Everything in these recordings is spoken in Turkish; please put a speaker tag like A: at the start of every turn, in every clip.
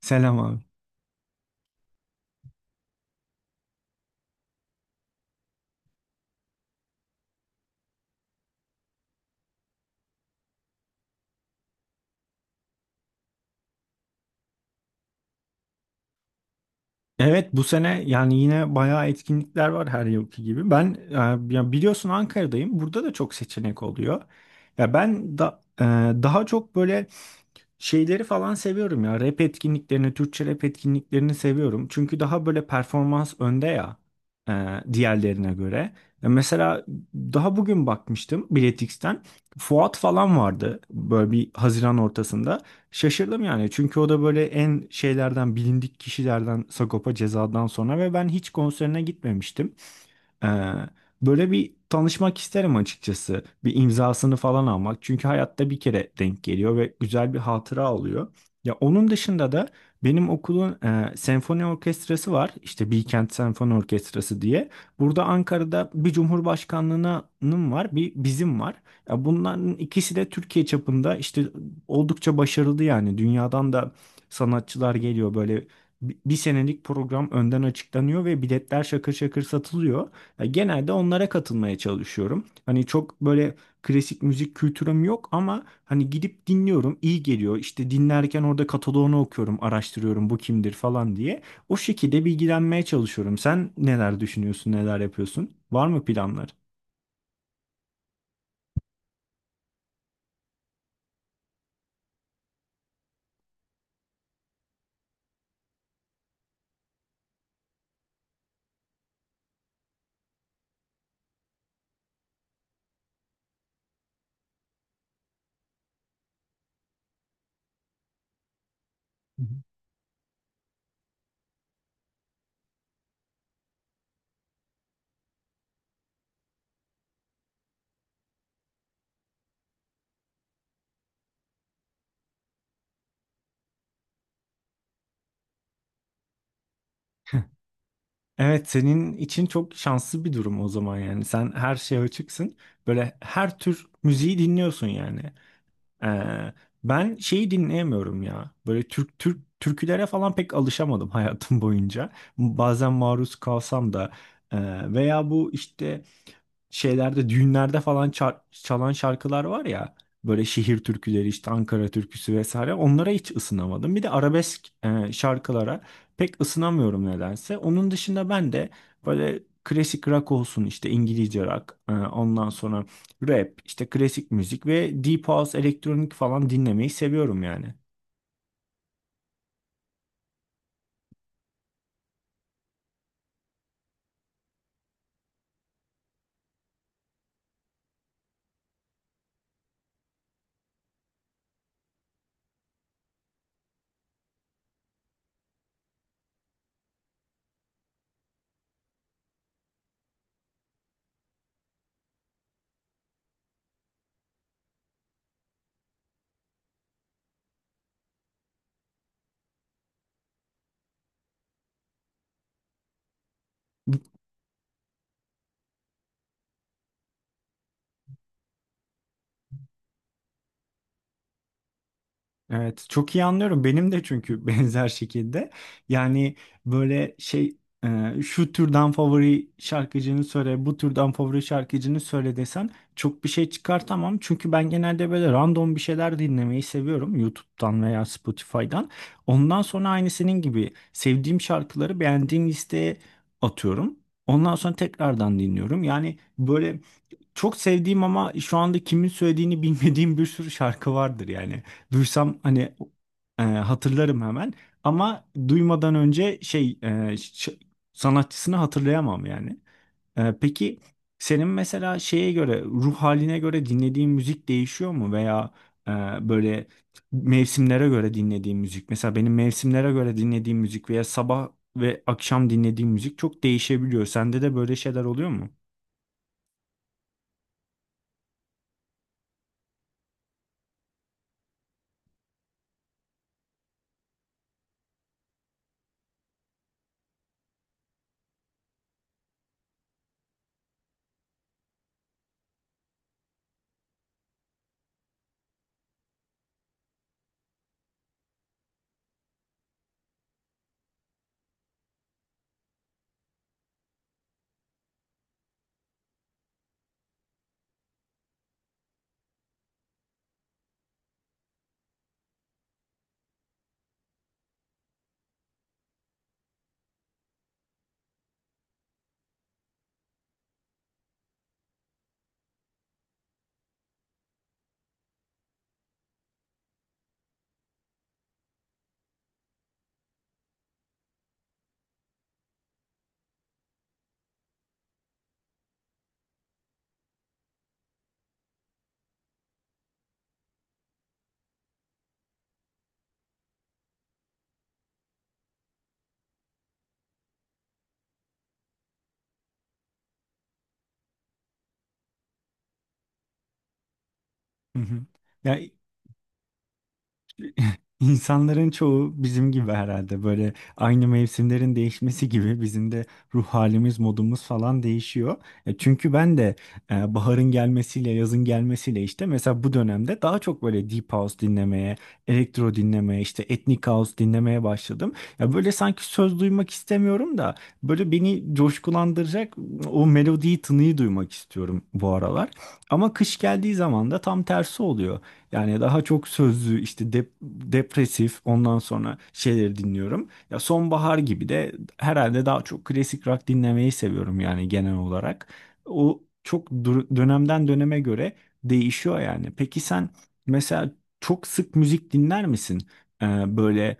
A: Selam abi. Evet, bu sene yani yine bayağı etkinlikler var her yılki gibi. Ben ya biliyorsun, Ankara'dayım. Burada da çok seçenek oluyor. Ya ben da, daha çok böyle şeyleri falan seviyorum ya. Rap etkinliklerini, Türkçe rap etkinliklerini seviyorum. Çünkü daha böyle performans önde ya, diğerlerine göre. Mesela daha bugün bakmıştım Biletix'ten. Fuat falan vardı böyle bir Haziran ortasında. Şaşırdım yani, çünkü o da böyle en şeylerden, bilindik kişilerden Sagopa Ceza'dan sonra ve ben hiç konserine gitmemiştim. Ee, böyle bir tanışmak isterim açıkçası. Bir imzasını falan almak. Çünkü hayatta bir kere denk geliyor ve güzel bir hatıra oluyor. Ya onun dışında da benim okulun senfoni orkestrası var. İşte Bilkent Senfoni Orkestrası diye. Burada Ankara'da bir cumhurbaşkanlığının var, bir bizim var. Ya bunların ikisi de Türkiye çapında işte oldukça başarılı yani. Dünyadan da sanatçılar geliyor, böyle bir senelik program önden açıklanıyor ve biletler şakır şakır satılıyor. Genelde onlara katılmaya çalışıyorum. Hani çok böyle klasik müzik kültürüm yok ama hani gidip dinliyorum, iyi geliyor. İşte dinlerken orada kataloğunu okuyorum, araştırıyorum bu kimdir falan diye. O şekilde bilgilenmeye çalışıyorum. Sen neler düşünüyorsun, neler yapıyorsun? Var mı planlar? Hı hı. Evet, senin için çok şanslı bir durum o zaman yani. Sen her şeye açıksın. Böyle her tür müziği dinliyorsun yani. Ee, ben şeyi dinleyemiyorum ya. Böyle Türk Türk türkülere falan pek alışamadım hayatım boyunca. Bazen maruz kalsam da, e, veya bu işte şeylerde, düğünlerde falan çalan şarkılar var ya, böyle şehir türküleri, işte Ankara türküsü vesaire, onlara hiç ısınamadım. Bir de arabesk şarkılara pek ısınamıyorum nedense. Onun dışında ben de böyle klasik rock olsun, işte İngilizce rock ondan sonra rap, işte klasik müzik ve deep house, elektronik falan dinlemeyi seviyorum yani. Evet, çok iyi anlıyorum. Benim de çünkü benzer şekilde. Yani böyle şey, şu türden favori şarkıcını söyle, bu türden favori şarkıcını söyle desen, çok bir şey çıkartamam. Çünkü ben genelde böyle random bir şeyler dinlemeyi seviyorum YouTube'dan veya Spotify'dan. Ondan sonra aynı senin gibi sevdiğim şarkıları beğendiğim listeye atıyorum. Ondan sonra tekrardan dinliyorum. Yani böyle çok sevdiğim ama şu anda kimin söylediğini bilmediğim bir sürü şarkı vardır yani. Duysam hani, hatırlarım hemen, ama duymadan önce şey sanatçısını hatırlayamam yani. Peki senin mesela şeye göre, ruh haline göre dinlediğin müzik değişiyor mu veya e, böyle mevsimlere göre dinlediğin müzik? Mesela benim mevsimlere göre dinlediğim müzik veya sabah ve akşam dinlediğim müzik çok değişebiliyor. Sende de böyle şeyler oluyor mu? Hı hı. Ya, İnsanların çoğu bizim gibi herhalde, böyle aynı mevsimlerin değişmesi gibi bizim de ruh halimiz, modumuz falan değişiyor. Çünkü ben de baharın gelmesiyle, yazın gelmesiyle işte mesela bu dönemde daha çok böyle deep house dinlemeye, elektro dinlemeye, işte ethnic house dinlemeye başladım. Ya böyle sanki söz duymak istemiyorum da, böyle beni coşkulandıracak o melodiyi, tınıyı duymak istiyorum bu aralar. Ama kış geldiği zaman da tam tersi oluyor. Yani daha çok sözlü, işte depresif, ondan sonra şeyleri dinliyorum. Ya sonbahar gibi de herhalde daha çok klasik rock dinlemeyi seviyorum yani genel olarak. O çok dönemden döneme göre değişiyor yani. Peki sen mesela çok sık müzik dinler misin? Böyle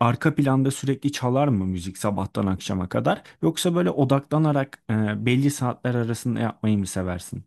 A: arka planda sürekli çalar mı müzik sabahtan akşama kadar? Yoksa böyle odaklanarak belli saatler arasında yapmayı mı seversin?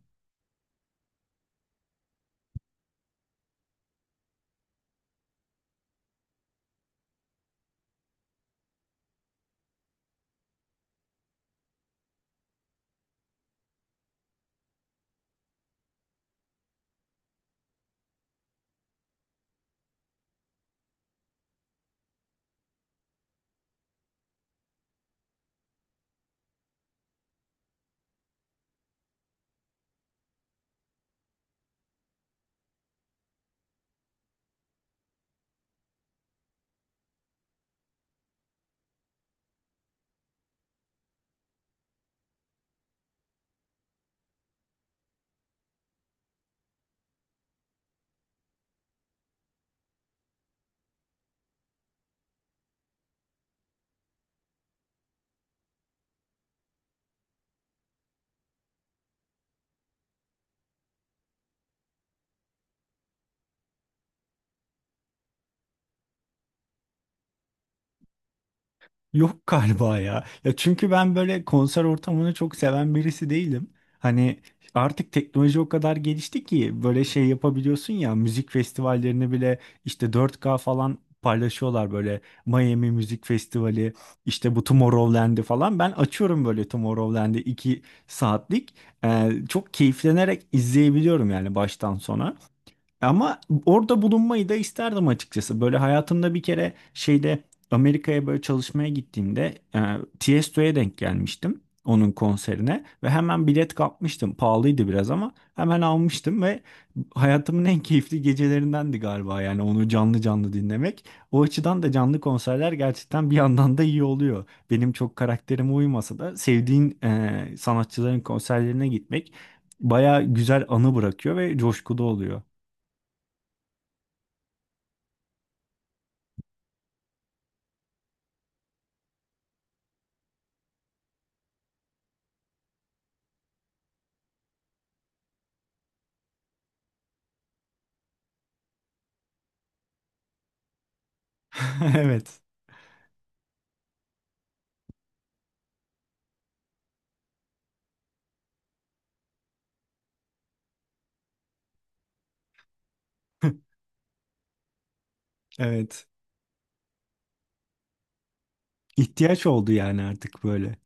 A: Yok galiba ya. Ya çünkü ben böyle konser ortamını çok seven birisi değilim. Hani artık teknoloji o kadar gelişti ki böyle şey yapabiliyorsun ya, müzik festivallerini bile işte 4K falan paylaşıyorlar, böyle Miami Müzik Festivali, işte bu Tomorrowland'i falan ben açıyorum, böyle Tomorrowland'i 2 saatlik, çok keyiflenerek izleyebiliyorum yani baştan sona. Ama orada bulunmayı da isterdim açıkçası. Böyle hayatımda bir kere şeyde, Amerika'ya böyle çalışmaya gittiğimde, Tiesto'ya denk gelmiştim, onun konserine ve hemen bilet kapmıştım. Pahalıydı biraz ama hemen almıştım ve hayatımın en keyifli gecelerindendi galiba yani, onu canlı canlı dinlemek. O açıdan da canlı konserler gerçekten bir yandan da iyi oluyor. Benim çok karakterime uymasa da sevdiğin sanatçıların konserlerine gitmek baya güzel anı bırakıyor ve coşkulu oluyor. Evet. Evet. İhtiyaç oldu yani artık böyle.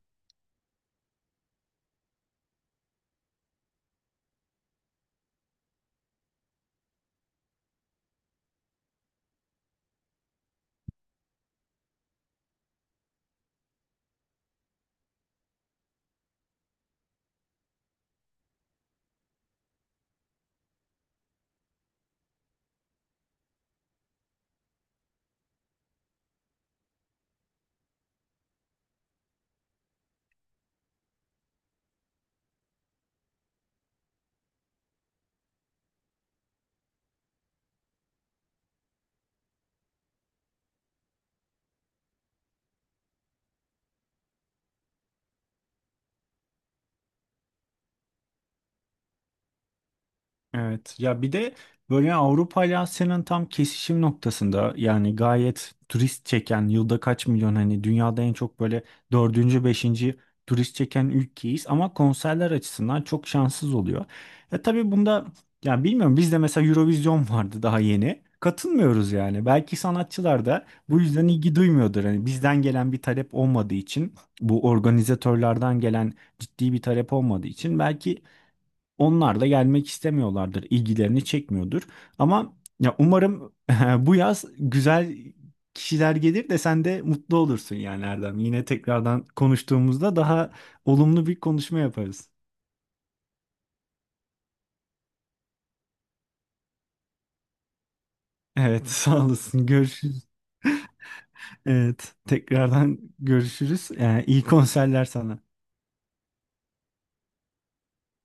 A: Evet, ya bir de böyle Avrupa ile Asya'nın tam kesişim noktasında, yani gayet turist çeken, yılda kaç milyon, hani dünyada en çok böyle dördüncü, beşinci turist çeken ülkeyiz ama konserler açısından çok şanssız oluyor. Ya tabii bunda, ya bilmiyorum, bizde mesela Eurovision vardı, daha yeni katılmıyoruz yani, belki sanatçılar da bu yüzden ilgi duymuyordur, hani bizden gelen bir talep olmadığı için, bu organizatörlerden gelen ciddi bir talep olmadığı için belki onlar da gelmek istemiyorlardır, ilgilerini çekmiyordur. Ama, ya umarım bu yaz güzel kişiler gelir de sen de mutlu olursun yani Erdem. Yine tekrardan konuştuğumuzda daha olumlu bir konuşma yaparız. Evet, sağ olasın. Görüşürüz. Evet, tekrardan görüşürüz. İyi konserler sana.